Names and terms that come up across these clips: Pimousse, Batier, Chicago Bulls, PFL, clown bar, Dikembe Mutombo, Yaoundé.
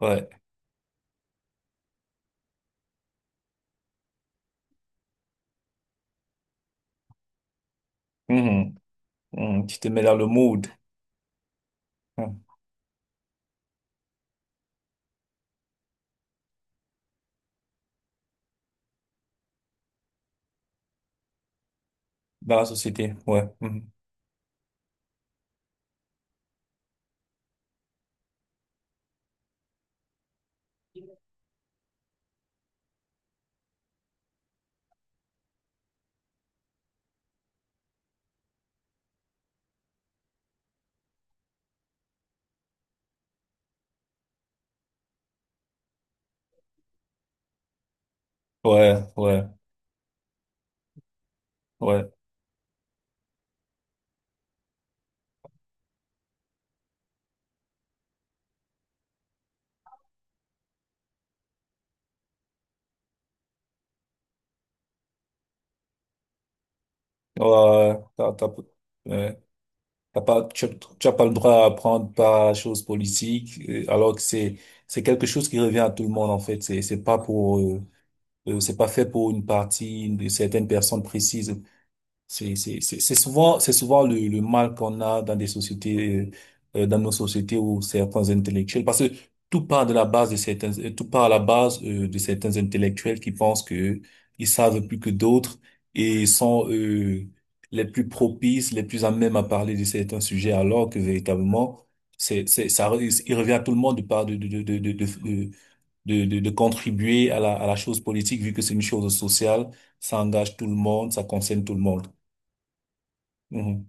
Ouais. Mhm. Mhm. Tu te mets dans le mood, hein, dans la société. Ouais. Mhm. Ouais, ouais, ouais. Ouais, ouais. T'as pas, tu as pas le droit à apprendre par chose politique, alors que c'est quelque chose qui revient à tout le monde, en fait. C'est pas pour, c'est pas fait pour une partie, certaines personnes précises. C'est souvent le mal qu'on a dans des sociétés, dans nos sociétés où certains intellectuels, parce que tout part de la base de certains, tout part à la base, de certains intellectuels qui pensent que ils savent plus que d'autres et sont, les plus propices, les plus à même à parler de certains sujets, alors que véritablement, ça, il revient à tout le monde de par- de contribuer à la chose politique, vu que c'est une chose sociale, ça engage tout le monde, ça concerne tout le monde. Mhm.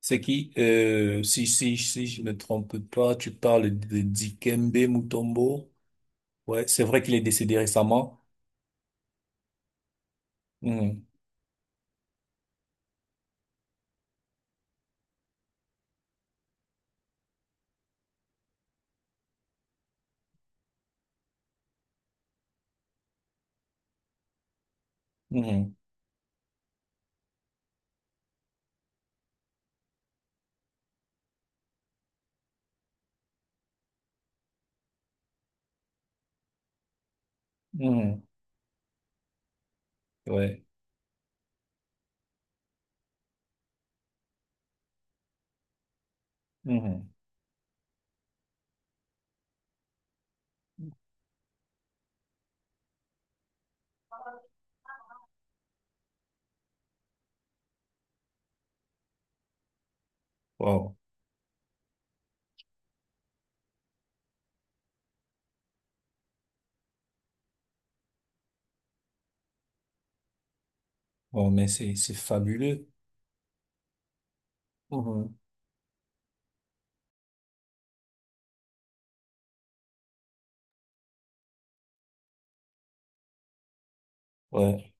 C'est qui, si je me trompe pas, tu parles de Dikembe Mutombo. Ouais, c'est vrai qu'il est décédé récemment. Mhm. Mhm. Mhm. Ouais. Mhm. Wow. Wow, mais c'est fabuleux. Mhm. Ouais.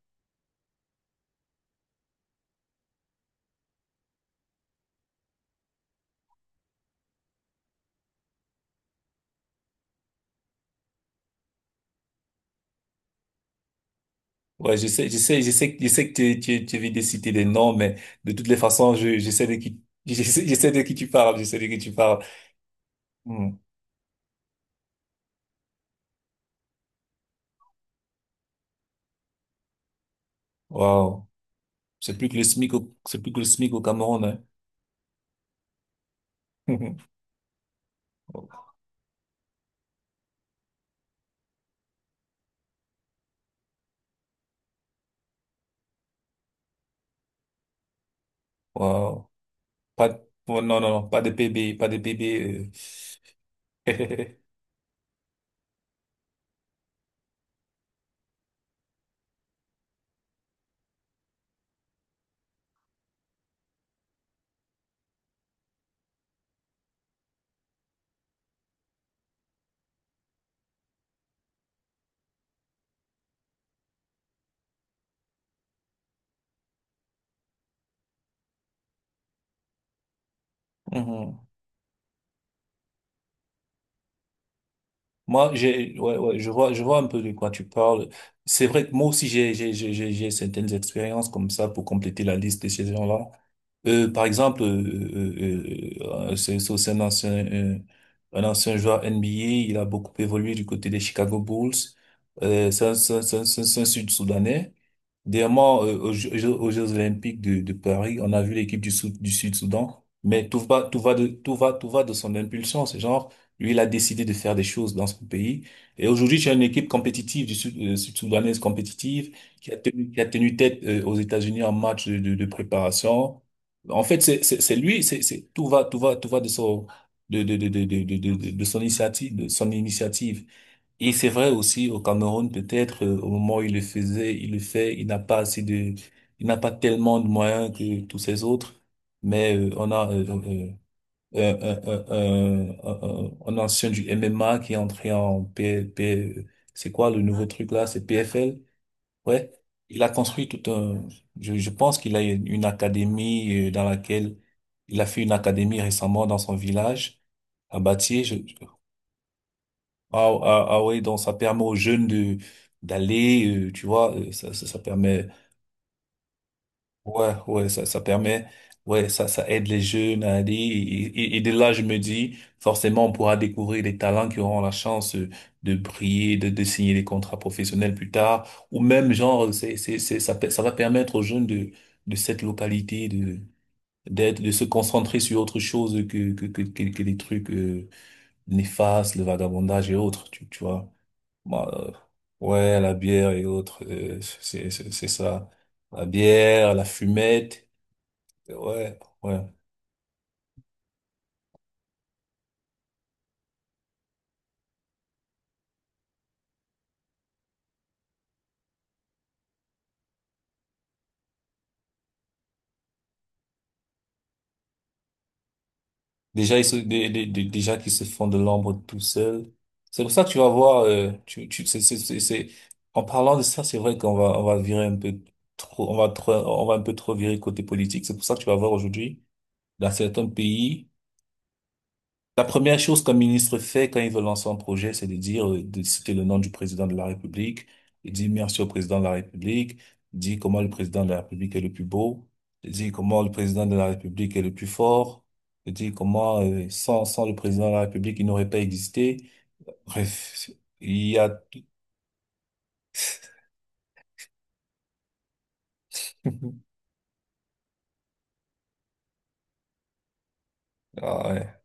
Ouais, je sais que tu viens de citer des noms, mais de toutes les façons, je sais de qui, je sais de qui tu parles, je sais de qui tu parles. Mhm. Wow. C'est plus que le SMIC au, c'est plus que le SMIC au Cameroun, hein. Wow. Pas de- oh, non, pas de bébé, pas de bébé. euh. Mhm. Moi, ouais, ouais, je vois un peu de quoi tu parles. C'est vrai que moi aussi, j'ai certaines expériences comme ça pour compléter la liste de ces gens-là. Par exemple, c'est aussi un ancien joueur NBA. Il a beaucoup évolué du côté des Chicago Bulls. C'est un Sud-Soudanais. Dernièrement, aux Jeux- Olympiques de Paris, on a vu l'équipe Sou- du Sud-Soudan, mais tout va de son impulsion. C'est genre, lui, il a décidé de faire des choses dans son pays. Et aujourd'hui, j'ai une équipe compétitive du Sud, Sud-Soudanaise compétitive qui a tenu tête, aux États-Unis en match de préparation. En fait, c'est lui, tout va de son, de son initiative, de son initiative. Et c'est vrai aussi au Cameroun, peut-être au moment où il le faisait, il le fait, il n'a pas assez de, il n'a pas tellement de moyens que tous ces autres, mais on a un ancien du MMA qui est entré P- c'est quoi le nouveau truc là, c'est PFL, ouais, il a construit tout un, je pense qu'il a une académie dans laquelle il a fait une académie récemment dans son village à Batier, ah oui, donc ça permet aux jeunes de d'aller, tu vois, ça permet, ouais, ouais, ça permet, ouais, ça aide les jeunes à aller. Et de là, je me dis, forcément, on pourra découvrir des talents qui auront la chance de briller, de signer des contrats professionnels plus tard, ou même genre, ça va permettre aux jeunes de cette localité de d'être, de se concentrer sur autre chose que les trucs néfastes, le vagabondage et autres, tu vois. Bon, ouais, la bière et autres, c'est ça. La bière, la fumette, ouais, ouais. Déjà ils se, dé- dé- dé- déjà qu'ils se font de l'ombre tout seuls. C'est pour ça que tu vas voir, tu tu c'est- en parlant de ça, c'est vrai qu'on va on va virer un peu trop, on va un peu trop virer côté politique. C'est pour ça que tu vas voir aujourd'hui dans certains pays. La première chose qu'un ministre fait quand il veut lancer un projet, c'est de dire, de citer le nom du président de la République, il dit merci au président de la République, il dit comment le président de la République est le plus beau, il dit comment le président de la République est le plus fort, il dit comment sans, sans le président de la République, il n'aurait pas existé. Bref, il y a tout. Ah ouais.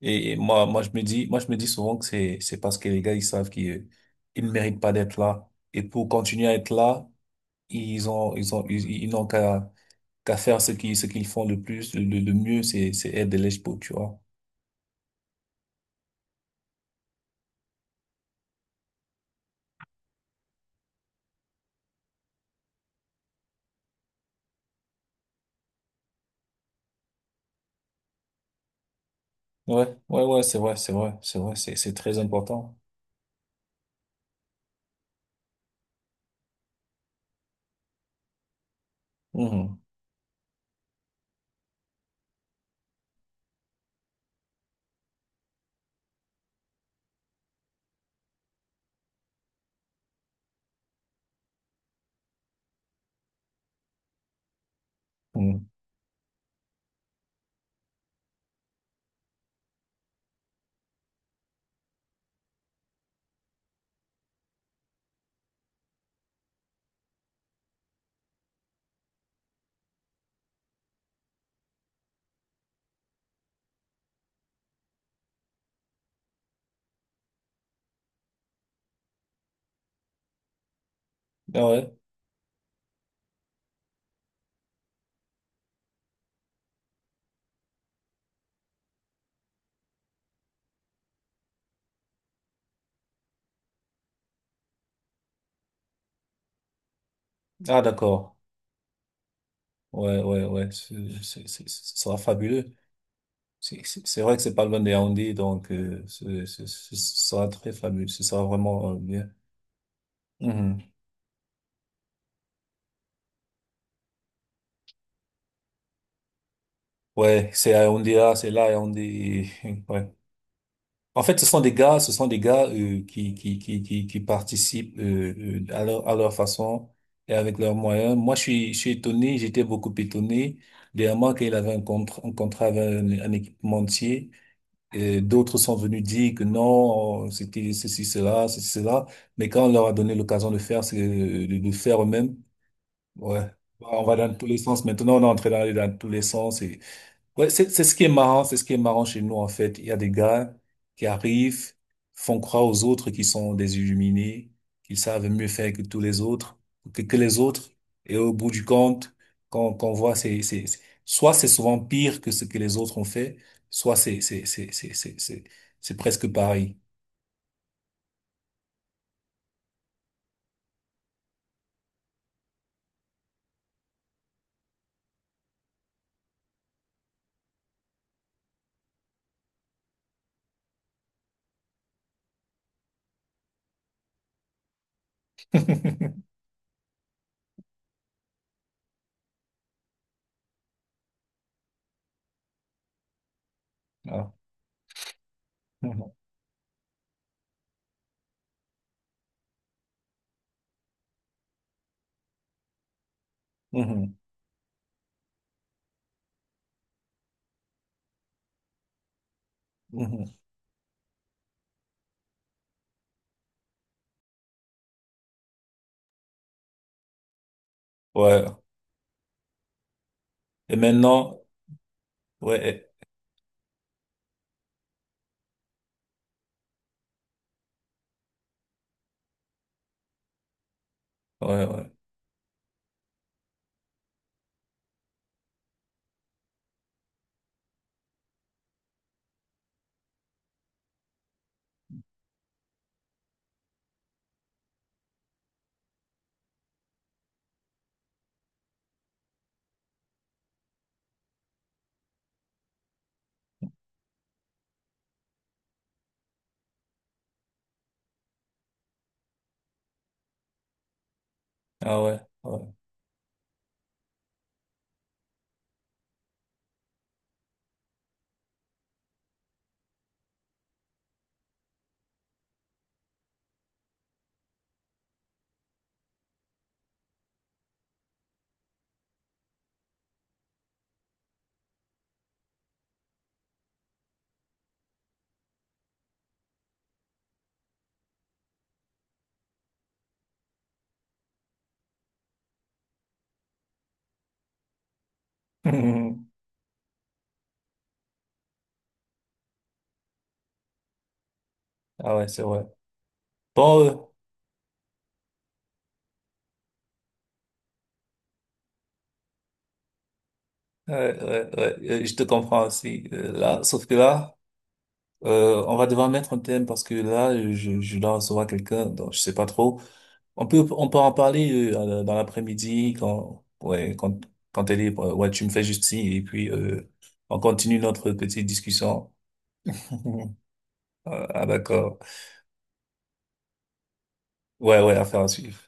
Moi, moi, je me dis, moi, je me dis souvent que c'est parce que les gars, ils savent qu'ils, ils ne méritent pas d'être là. Et pour continuer à être là, ils n'ont qu'à qu'à faire ce qu'ils font le plus le mieux c'est aider les pauvres, tu vois ouais c'est vrai c'est très important. Mhm. Mhm. Ah ouais. Ah d'accord. Ouais c'est- ce sera fabuleux. C'est vrai que c'est pas loin de Yaoundé donc ce sera très fabuleux, ce sera vraiment bien. Mhm. Ouais, c'est à Yaoundé là, c'est là à Yaoundé. Ouais. En fait, ce sont des gars, ce sont des gars qui participent à leur façon et avec leurs moyens. Moi, je suis étonné, j'étais beaucoup étonné. Dernièrement, qu'il avait un contrat avec un équipementier, d'autres sont venus dire que non, c'était ceci, cela, ceci, cela. Mais quand on leur a donné l'occasion de faire, de faire eux-mêmes, ouais. On va dans tous les sens. Maintenant, on est en train d'aller dans tous les sens. Ouais, c'est ce qui est marrant, c'est ce qui est marrant chez nous, en fait. Il y a des gars qui arrivent, font croire aux autres qu'ils sont des illuminés, qu'ils savent mieux faire que tous les autres, que les autres. Et au bout du compte, quand on voit, soit c'est souvent pire que ce que les autres ont fait, soit c'est presque pareil. Ah. Mhm. Mhm. Mhm. Ouais. Et maintenant, ouais, ouais, ouais. Ah ouais, ouais. Ah ouais, c'est vrai. Bon, ouais, je te comprends aussi. Euh, là, sauf que là, on va devoir mettre un thème parce que là, je dois recevoir quelqu'un, donc je sais pas trop. On peut en parler dans l'après-midi quand elle est ouais, tu me fais juste signe et puis on continue notre petite discussion. Ah, d'accord. Ouais, ouais, affaire à suivre.